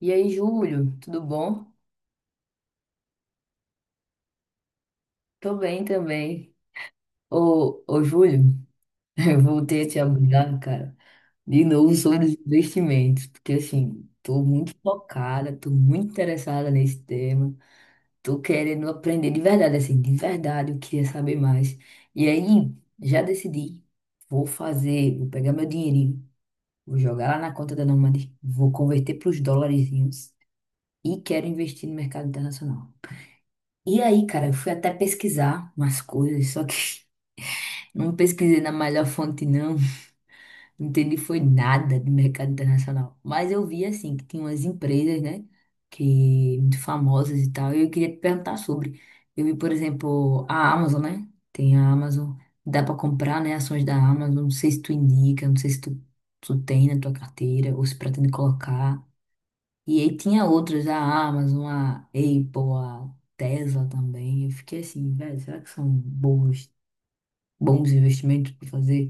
E aí, Júlio, tudo bom? Tô bem também. Ô Júlio, eu voltei a te abordar, cara, de novo sobre os investimentos, porque assim, tô muito focada, tô muito interessada nesse tema, tô querendo aprender de verdade, assim, de verdade, eu queria saber mais. E aí, já decidi, vou fazer, vou pegar meu dinheirinho, vou jogar lá na conta da Nomad, vou converter para os dolarizinhos e quero investir no mercado internacional. E aí, cara, eu fui até pesquisar umas coisas, só que não pesquisei na melhor fonte, não. Não entendi foi nada de mercado internacional. Mas eu vi, assim, que tinha umas empresas, né, que muito famosas e tal, e eu queria te perguntar sobre. Eu vi, por exemplo, a Amazon, né? Tem a Amazon, dá pra comprar, né, ações da Amazon. Não sei se tu indica, não sei se tu, tu tem na tua carteira ou se pretende colocar. E aí tinha outras, a Amazon, a Apple, a Tesla também. Eu fiquei assim, velho, será que são bons, bons investimentos para fazer?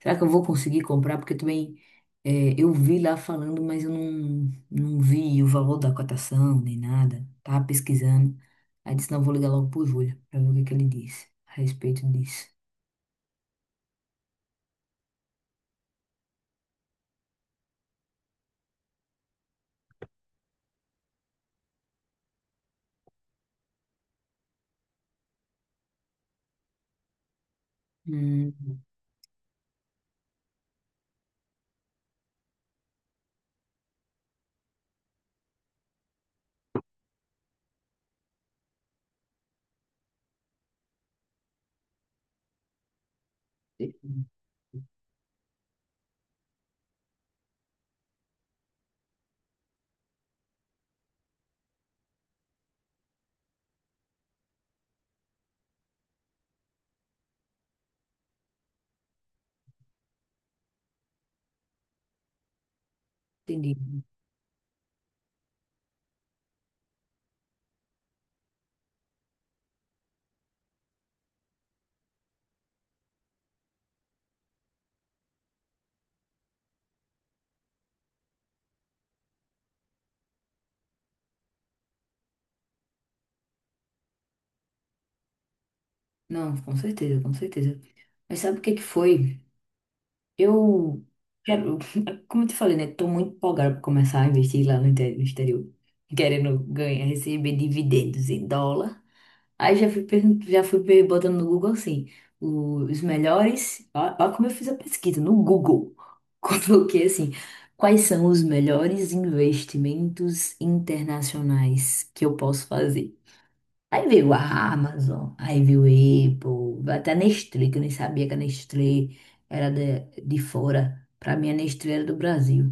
Será que eu vou conseguir comprar? Porque também eu vi lá falando, mas eu não vi o valor da cotação nem nada. Tava pesquisando. Aí disse, não, vou ligar logo pro Júlio para ver o que é que ele disse a respeito disso. Hum, entendi. Não, com certeza, com certeza. Mas sabe o que que foi? Eu quero, como eu te falei, né? Tô muito empolgada para começar a investir lá no no exterior, querendo ganhar, receber dividendos em dólar. Aí já fui, já fui botando no Google assim, os melhores. Olha como eu fiz a pesquisa no Google. Coloquei assim, quais são os melhores investimentos internacionais que eu posso fazer? Aí veio a Amazon, aí veio a Apple, até a Nestlé, que eu nem sabia que a Nestlé era de fora. Pra mim, a Nestlé era do Brasil.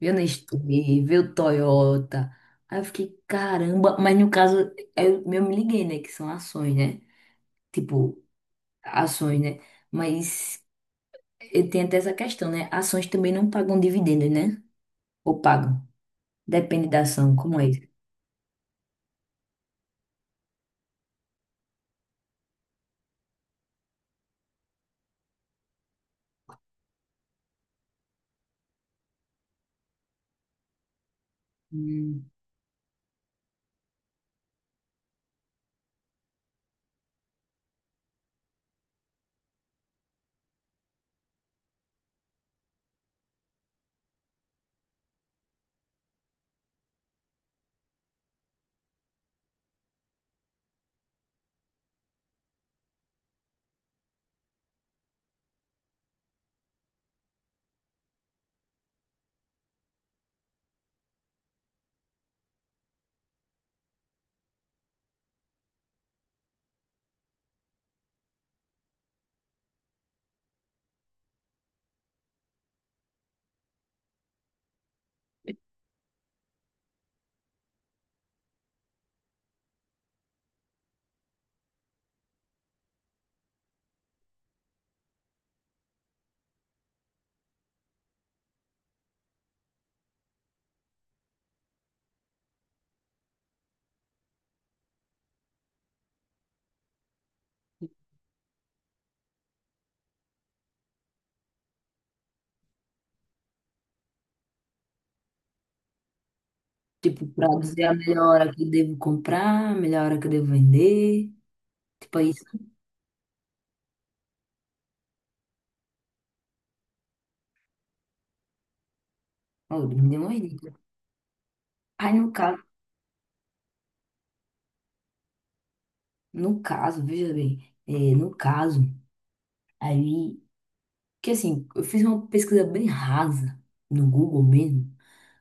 Veio a Nestlé, veio a Toyota. Aí eu fiquei, caramba, mas no caso, eu me liguei, né? Que são ações, né? Tipo, ações, né? Mas eu tenho até essa questão, né? Ações também não pagam dividendos, né? Ou pagam? Depende da ação, como é isso? Hum. Tipo, pra dizer a melhor hora que eu devo comprar, a melhor hora que eu devo vender. Tipo, é isso. Oh, me deu uma dica. Aí, no caso, veja bem, é, no caso, aí, que assim, eu fiz uma pesquisa bem rasa no Google mesmo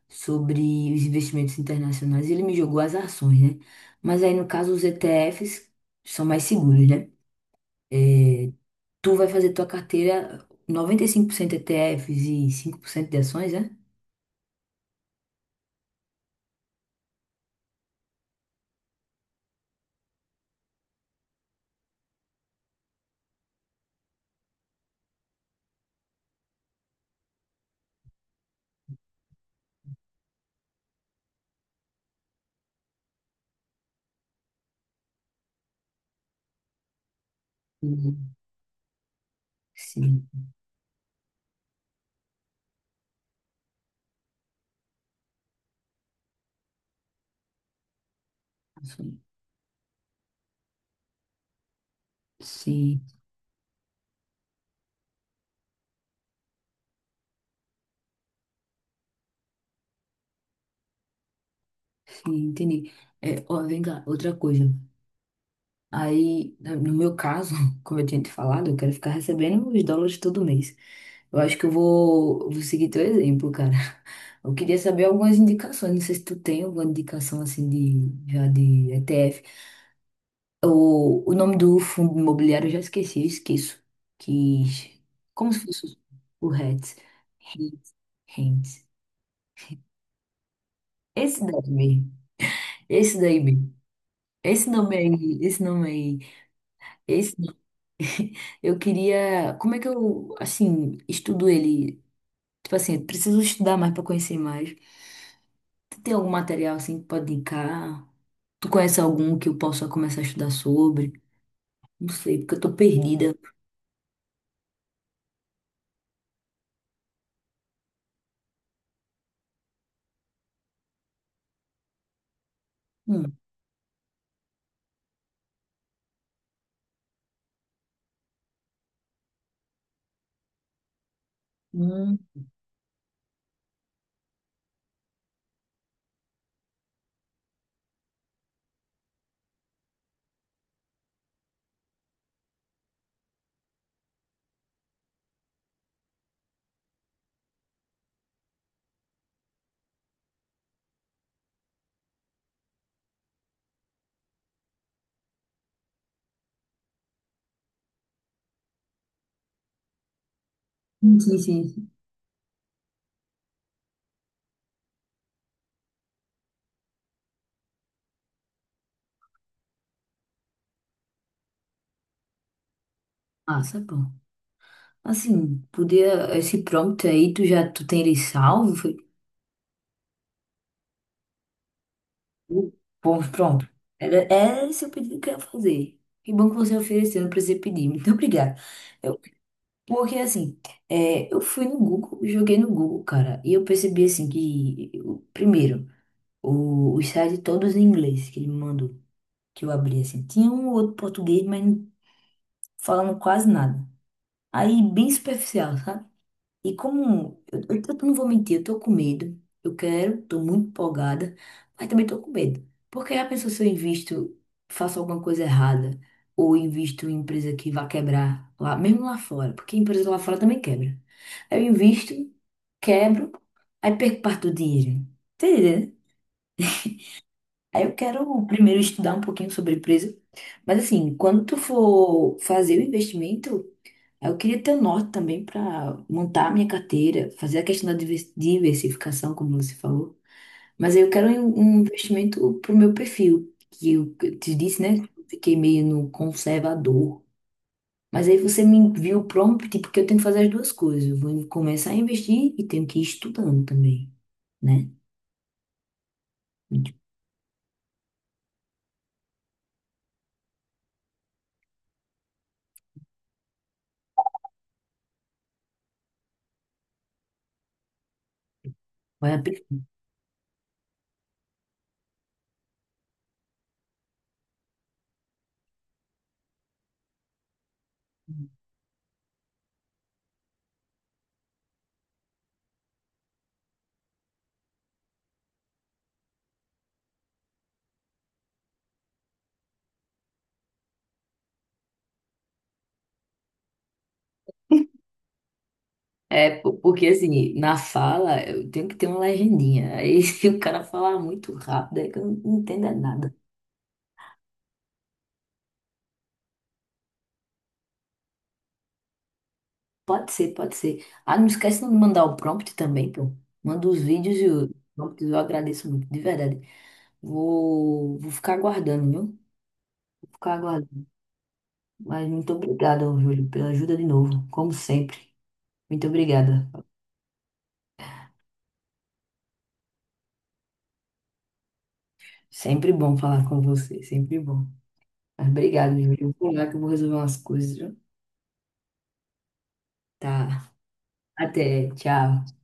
sobre os investimentos internacionais e ele me jogou as ações, né? Mas aí, no caso, os ETFs são mais seguros, né? É, tu vai fazer tua carteira 95% ETFs e T Fs e 5% de ações, né? Uhum. Sim. Ações. Sim, sim, entendi. É, ó, vem cá, outra coisa. Aí, no meu caso, como eu tinha te falado, eu quero ficar recebendo os dólares todo mês. Eu acho que eu vou, vou seguir teu exemplo, cara. Eu queria saber algumas indicações. Não sei se tu tem alguma indicação assim de, já de ETF. O nome do fundo imobiliário eu já esqueci, eu esqueço. Que, como se fosse o REITs. REITs. REITs. Esse daí mesmo. Esse daí mesmo. Esse nome aí, esse nome aí. Esse, eu queria. Como é que eu, assim, estudo ele? Tipo assim, eu preciso estudar mais para conhecer mais. Tu tem algum material, assim, que pode indicar? Tu conhece algum que eu possa começar a estudar sobre? Não sei, porque eu tô perdida. Hum, hum, sim, sim, sim. Ah, sabe bom. Assim, podia. Esse prompt aí, tu tem ele salvo? Foi? Uh, Bom, pronto. Era, era esse o pedido que eu ia fazer. Que bom que você ofereceu, não precisei pedir. Muito obrigada. Porque assim, é, eu fui no Google, joguei no Google, cara, e eu percebi assim que, primeiro, os sites todos em inglês que ele mandou, que eu abri assim, tinha um ou outro português, mas não falando quase nada. Aí, bem superficial, sabe? E como eu, eu não vou mentir, eu tô com medo. Eu quero, tô muito empolgada, mas também tô com medo. Porque a pessoa, se eu invisto, faço alguma coisa errada, ou invisto em empresa que vai quebrar lá, mesmo lá fora, porque empresa lá fora também quebra. Aí eu invisto, quebro, aí perco parte do dinheiro. Entendeu? Aí eu quero primeiro estudar um pouquinho sobre a empresa. Mas assim, quando tu for fazer o investimento, eu queria ter o norte também para montar a minha carteira, fazer a questão da diversificação, como você falou. Mas aí eu quero um investimento para o meu perfil, que eu te disse, né? Que eu fiquei meio no conservador. Mas aí você me enviou o prompt, porque eu tenho que fazer as duas coisas. Eu vou começar a investir e tenho que ir estudando também, né? Vai apre- É, porque assim, na fala eu tenho que ter uma legendinha. Aí se o cara falar muito rápido, é que eu não entendo é nada. Pode ser, pode ser. Ah, não esquece de mandar o prompt também, pô. Manda os vídeos e o prompt, eu agradeço muito, de verdade. Vou, vou ficar aguardando, viu? Vou ficar aguardando. Mas muito obrigada, Júlio, pela ajuda de novo, como sempre. Muito obrigada. Sempre bom falar com você, sempre bom. Mas obrigado, Júlio. Vou lá que eu vou resolver umas coisas, viu? Tá. Até, tchau.